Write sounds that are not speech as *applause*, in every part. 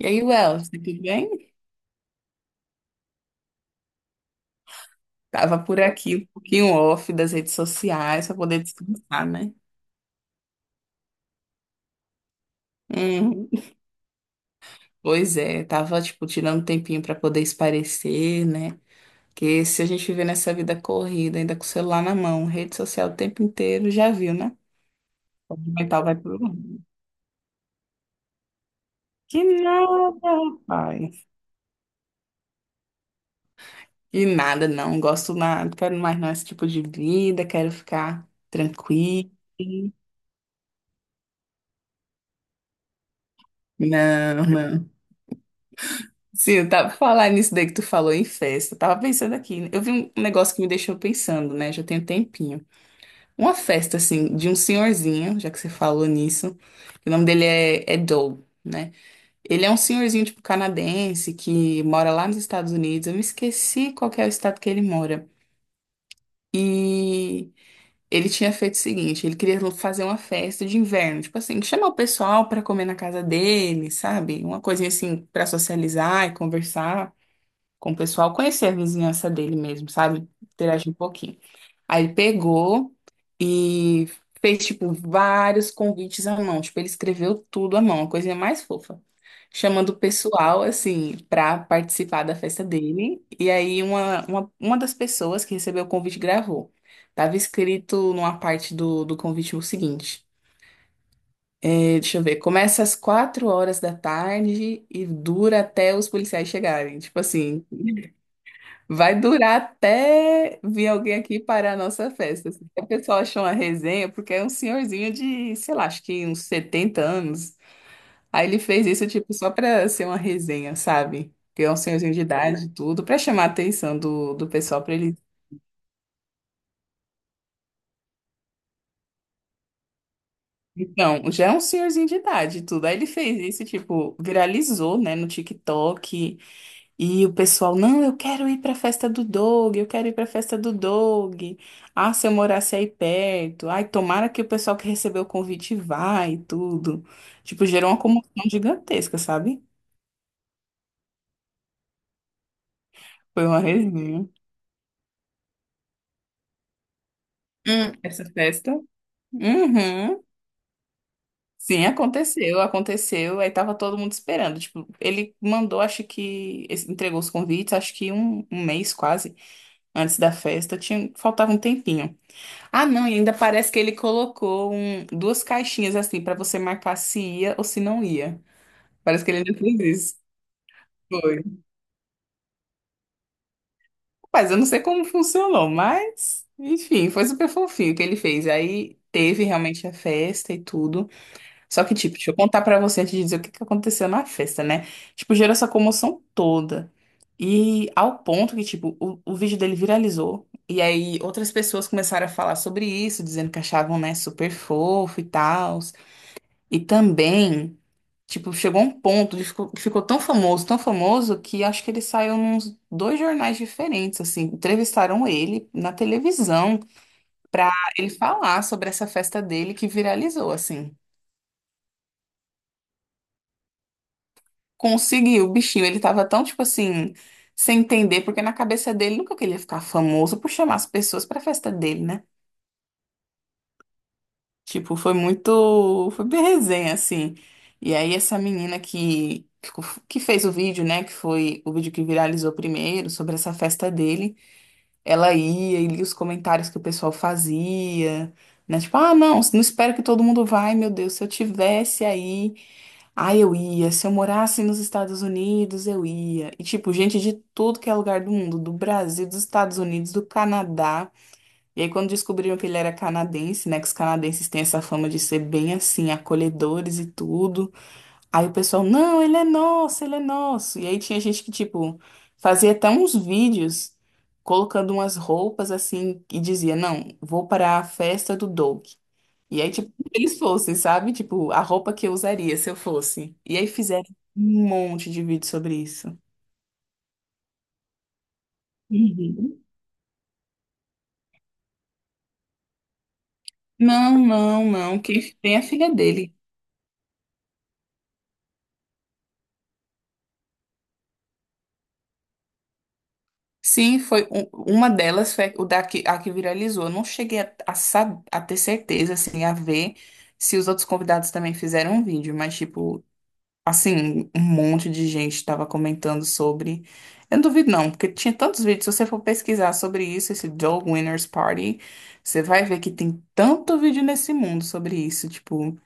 E aí, Wells, tudo bem? Tava por aqui um pouquinho off das redes sociais para poder descansar, né? Uhum. Pois é, tava tipo tirando um tempinho para poder esparecer, né? Porque se a gente viver nessa vida corrida, ainda com o celular na mão, rede social o tempo inteiro, já viu, né? O mental vai pro mundo. Que nada, rapaz. Que nada, não. Gosto nada, quero mais não esse tipo de vida, quero ficar tranquilo. Não, não. Sim, eu tava falando nisso daí que tu falou em festa. Eu tava pensando aqui, né? Eu vi um negócio que me deixou pensando, né? Já tem um tempinho. Uma festa, assim, de um senhorzinho, já que você falou nisso. O nome dele é Doug, né? Ele é um senhorzinho, tipo, canadense, que mora lá nos Estados Unidos. Eu me esqueci qual que é o estado que ele mora. E ele tinha feito o seguinte: ele queria fazer uma festa de inverno, tipo assim, chamar o pessoal pra comer na casa dele, sabe? Uma coisinha assim, pra socializar e conversar com o pessoal, conhecer a vizinhança dele mesmo, sabe? Interagir um pouquinho. Aí ele pegou e fez, tipo, vários convites à mão. Tipo, ele escreveu tudo à mão, a coisinha mais fofa. Chamando o pessoal, assim, pra participar da festa dele. E aí, uma das pessoas que recebeu o convite gravou. Tava escrito numa parte do convite o seguinte: deixa eu ver, começa às 4 horas da tarde e dura até os policiais chegarem. Tipo assim. Vai durar até vir alguém aqui para a nossa festa, assim. O pessoal achou uma resenha, porque é um senhorzinho de, sei lá, acho que uns 70 anos. Aí ele fez isso, tipo, só para ser uma resenha, sabe? Que é um senhorzinho de idade e tudo, para chamar a atenção do pessoal para ele. Então, já é um senhorzinho de idade e tudo. Aí ele fez isso, tipo, viralizou, né, no TikTok. E o pessoal, não, eu quero ir para a festa do Doug, eu quero ir para a festa do Doug. Ah, se eu morasse aí perto. Ai, tomara que o pessoal que recebeu o convite vá e tudo. Tipo, gerou uma comoção gigantesca, sabe? Foi uma resenha. Essa festa? Uhum. Sim, aconteceu, aconteceu. Aí tava todo mundo esperando. Tipo, ele mandou, acho que entregou os convites, acho que um mês quase antes da festa. Tinha, faltava um tempinho. Ah, não, e ainda parece que ele colocou duas caixinhas assim pra você marcar se ia ou se não ia. Parece que ele ainda fez isso. Foi. Mas eu não sei como funcionou, mas enfim, foi super fofinho o que ele fez. Aí teve realmente a festa e tudo. Só que, tipo, deixa eu contar pra você antes de dizer o que que aconteceu na festa, né? Tipo, gerou essa comoção toda. E ao ponto que, tipo, o vídeo dele viralizou. E aí outras pessoas começaram a falar sobre isso, dizendo que achavam, né, super fofo e tal. E também, tipo, chegou um ponto, ele ficou, ficou tão famoso, que acho que ele saiu nos dois jornais diferentes, assim, entrevistaram ele na televisão pra ele falar sobre essa festa dele que viralizou, assim. Conseguiu, o bichinho, ele tava tão, tipo assim, sem entender, porque na cabeça dele nunca que ele ia ficar famoso por chamar as pessoas pra festa dele, né? Tipo, foi muito. Foi bem resenha, assim. E aí, essa menina que fez o vídeo, né? Que foi o vídeo que viralizou primeiro, sobre essa festa dele. Ela ia e lia os comentários que o pessoal fazia, né? Tipo, ah, não, não espero que todo mundo vai, meu Deus. Se eu tivesse aí, ah, eu ia. Se eu morasse nos Estados Unidos, eu ia. E, tipo, gente de tudo que é lugar do mundo, do Brasil, dos Estados Unidos, do Canadá. E aí, quando descobriram que ele era canadense, né? Que os canadenses têm essa fama de ser bem assim, acolhedores e tudo. Aí o pessoal, não, ele é nosso, ele é nosso. E aí tinha gente que, tipo, fazia até uns vídeos colocando umas roupas assim e dizia, não, vou para a festa do Doug. E aí, tipo, se eles fossem, sabe? Tipo, a roupa que eu usaria se eu fosse. E aí fizeram um monte de vídeo sobre isso. Uhum. Não, não, não. Quem tem é a filha dele. Sim, foi uma delas, foi o da que, a que viralizou. Eu não cheguei a ter certeza, assim, a ver se os outros convidados também fizeram um vídeo, mas, tipo, assim, um monte de gente estava comentando sobre. Eu não duvido, não, porque tinha tantos vídeos. Se você for pesquisar sobre isso, esse Joe Winners Party, você vai ver que tem tanto vídeo nesse mundo sobre isso. Tipo,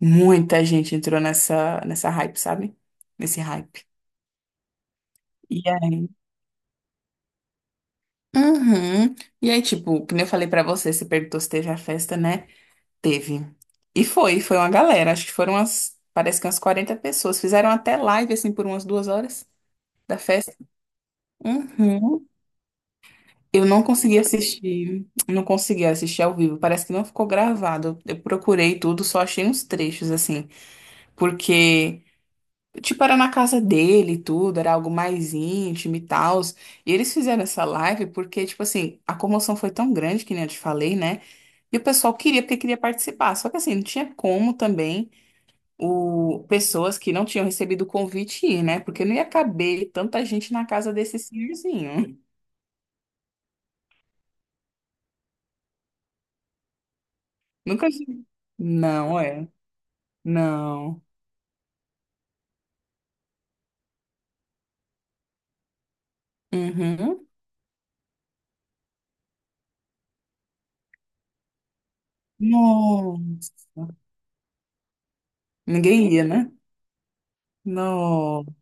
muita gente entrou nessa hype, sabe? Nesse hype. Uhum. E aí, tipo, como eu falei pra você, você perguntou se teve a festa, né? Teve. E foi, foi uma galera. Acho que foram umas, parece que umas 40 pessoas. Fizeram até live, assim, por umas 2 horas da festa. Uhum. Eu não consegui assistir, não consegui assistir ao vivo. Parece que não ficou gravado. Eu procurei tudo, só achei uns trechos, assim, porque. Tipo, era na casa dele e tudo, era algo mais íntimo e tal. E eles fizeram essa live porque, tipo assim, a comoção foi tão grande, que nem eu te falei, né? E o pessoal queria, porque queria participar. Só que assim, não tinha como também pessoas que não tinham recebido o convite ir, né? Porque não ia caber tanta gente na casa desse senhorzinho. *laughs* Nunca vi. Não, é. Não. Uhum. Nossa. Ninguém ia, né? Nossa.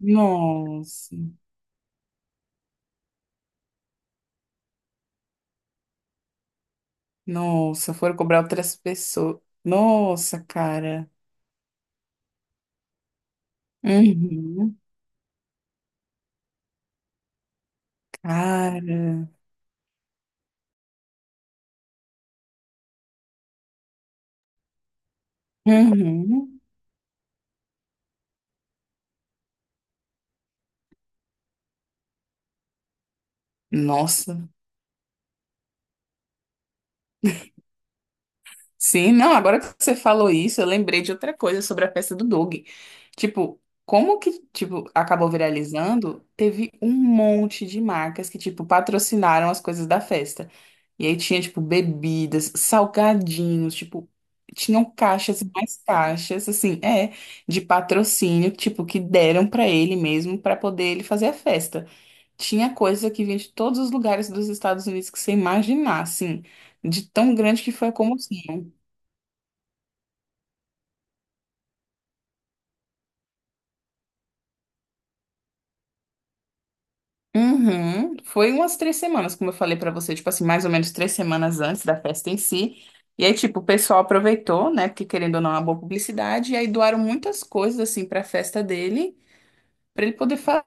Nossa. Nossa. Foram cobrar outras pessoas. Nossa, cara. Uhum. Cara. Uhum. Nossa. Sim, não, agora que você falou isso, eu lembrei de outra coisa sobre a festa do Doug. Tipo, como que, tipo, acabou viralizando? Teve um monte de marcas que, tipo, patrocinaram as coisas da festa. E aí tinha, tipo, bebidas, salgadinhos, tipo, tinham caixas e mais caixas, assim, é, de patrocínio, tipo, que deram pra ele mesmo pra poder ele fazer a festa. Tinha coisa que vinha de todos os lugares dos Estados Unidos que você imaginar, assim, de tão grande que foi a comoção. Uhum. Foi umas 3 semanas, como eu falei pra você, tipo assim, mais ou menos 3 semanas antes da festa em si. E aí, tipo, o pessoal aproveitou, né? Porque querendo ou não, é uma boa publicidade. E aí doaram muitas coisas, assim, pra festa dele, pra ele poder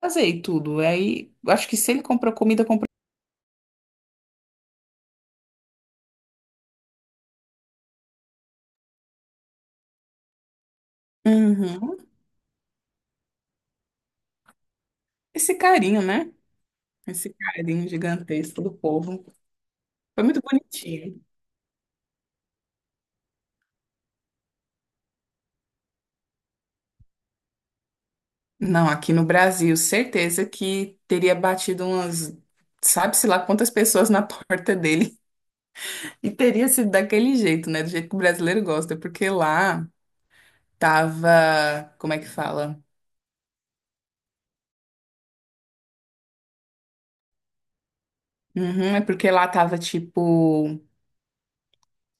fazer e tudo. E aí, eu acho que se ele comprou comida, comprou. Uhum. Esse carinho, né? Esse carinho gigantesco do povo. Foi muito bonitinho. Não, aqui no Brasil, certeza que teria batido umas, sabe-se lá quantas pessoas na *laughs* porta dele. E teria sido daquele jeito, né? Do jeito que o brasileiro gosta, porque lá tava. Como é que fala? Uhum, é porque lá tava tipo.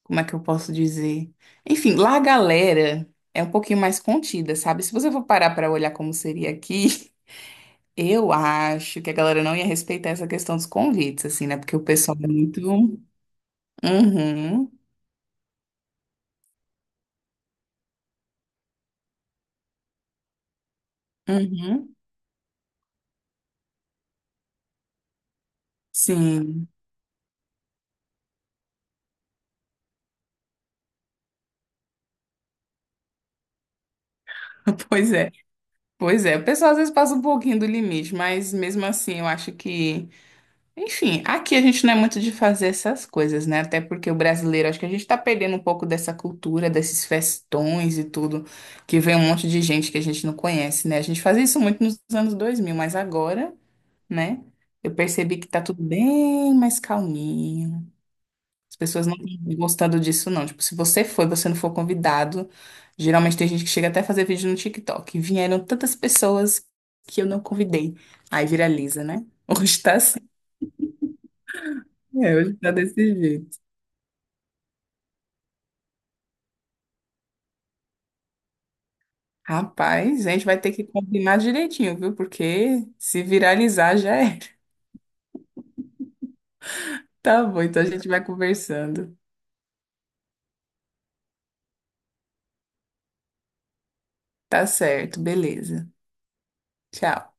Como é que eu posso dizer? Enfim, lá a galera é um pouquinho mais contida, sabe? Se você for parar pra olhar como seria aqui, *laughs* eu acho que a galera não ia respeitar essa questão dos convites, assim, né? Porque o pessoal é muito. Uhum, uhum. Sim, *laughs* pois é, pois é. O pessoal às vezes passa um pouquinho do limite, mas mesmo assim eu acho que. Enfim, aqui a gente não é muito de fazer essas coisas, né? Até porque o brasileiro, acho que a gente tá perdendo um pouco dessa cultura, desses festões e tudo, que vem um monte de gente que a gente não conhece, né? A gente fazia isso muito nos anos 2000 mas agora, né? Eu percebi que tá tudo bem mais calminho. As pessoas não estão gostando disso, não. Tipo, se você foi, você não for convidado. Geralmente tem gente que chega até a fazer vídeo no TikTok. Vieram tantas pessoas que eu não convidei. Aí viraliza, né? *laughs* Hoje tá é, hoje tá desse jeito. Rapaz, a gente vai ter que combinar direitinho, viu? Porque se viralizar já era. *laughs* Tá bom, então a gente vai conversando. Tá certo, beleza. Tchau.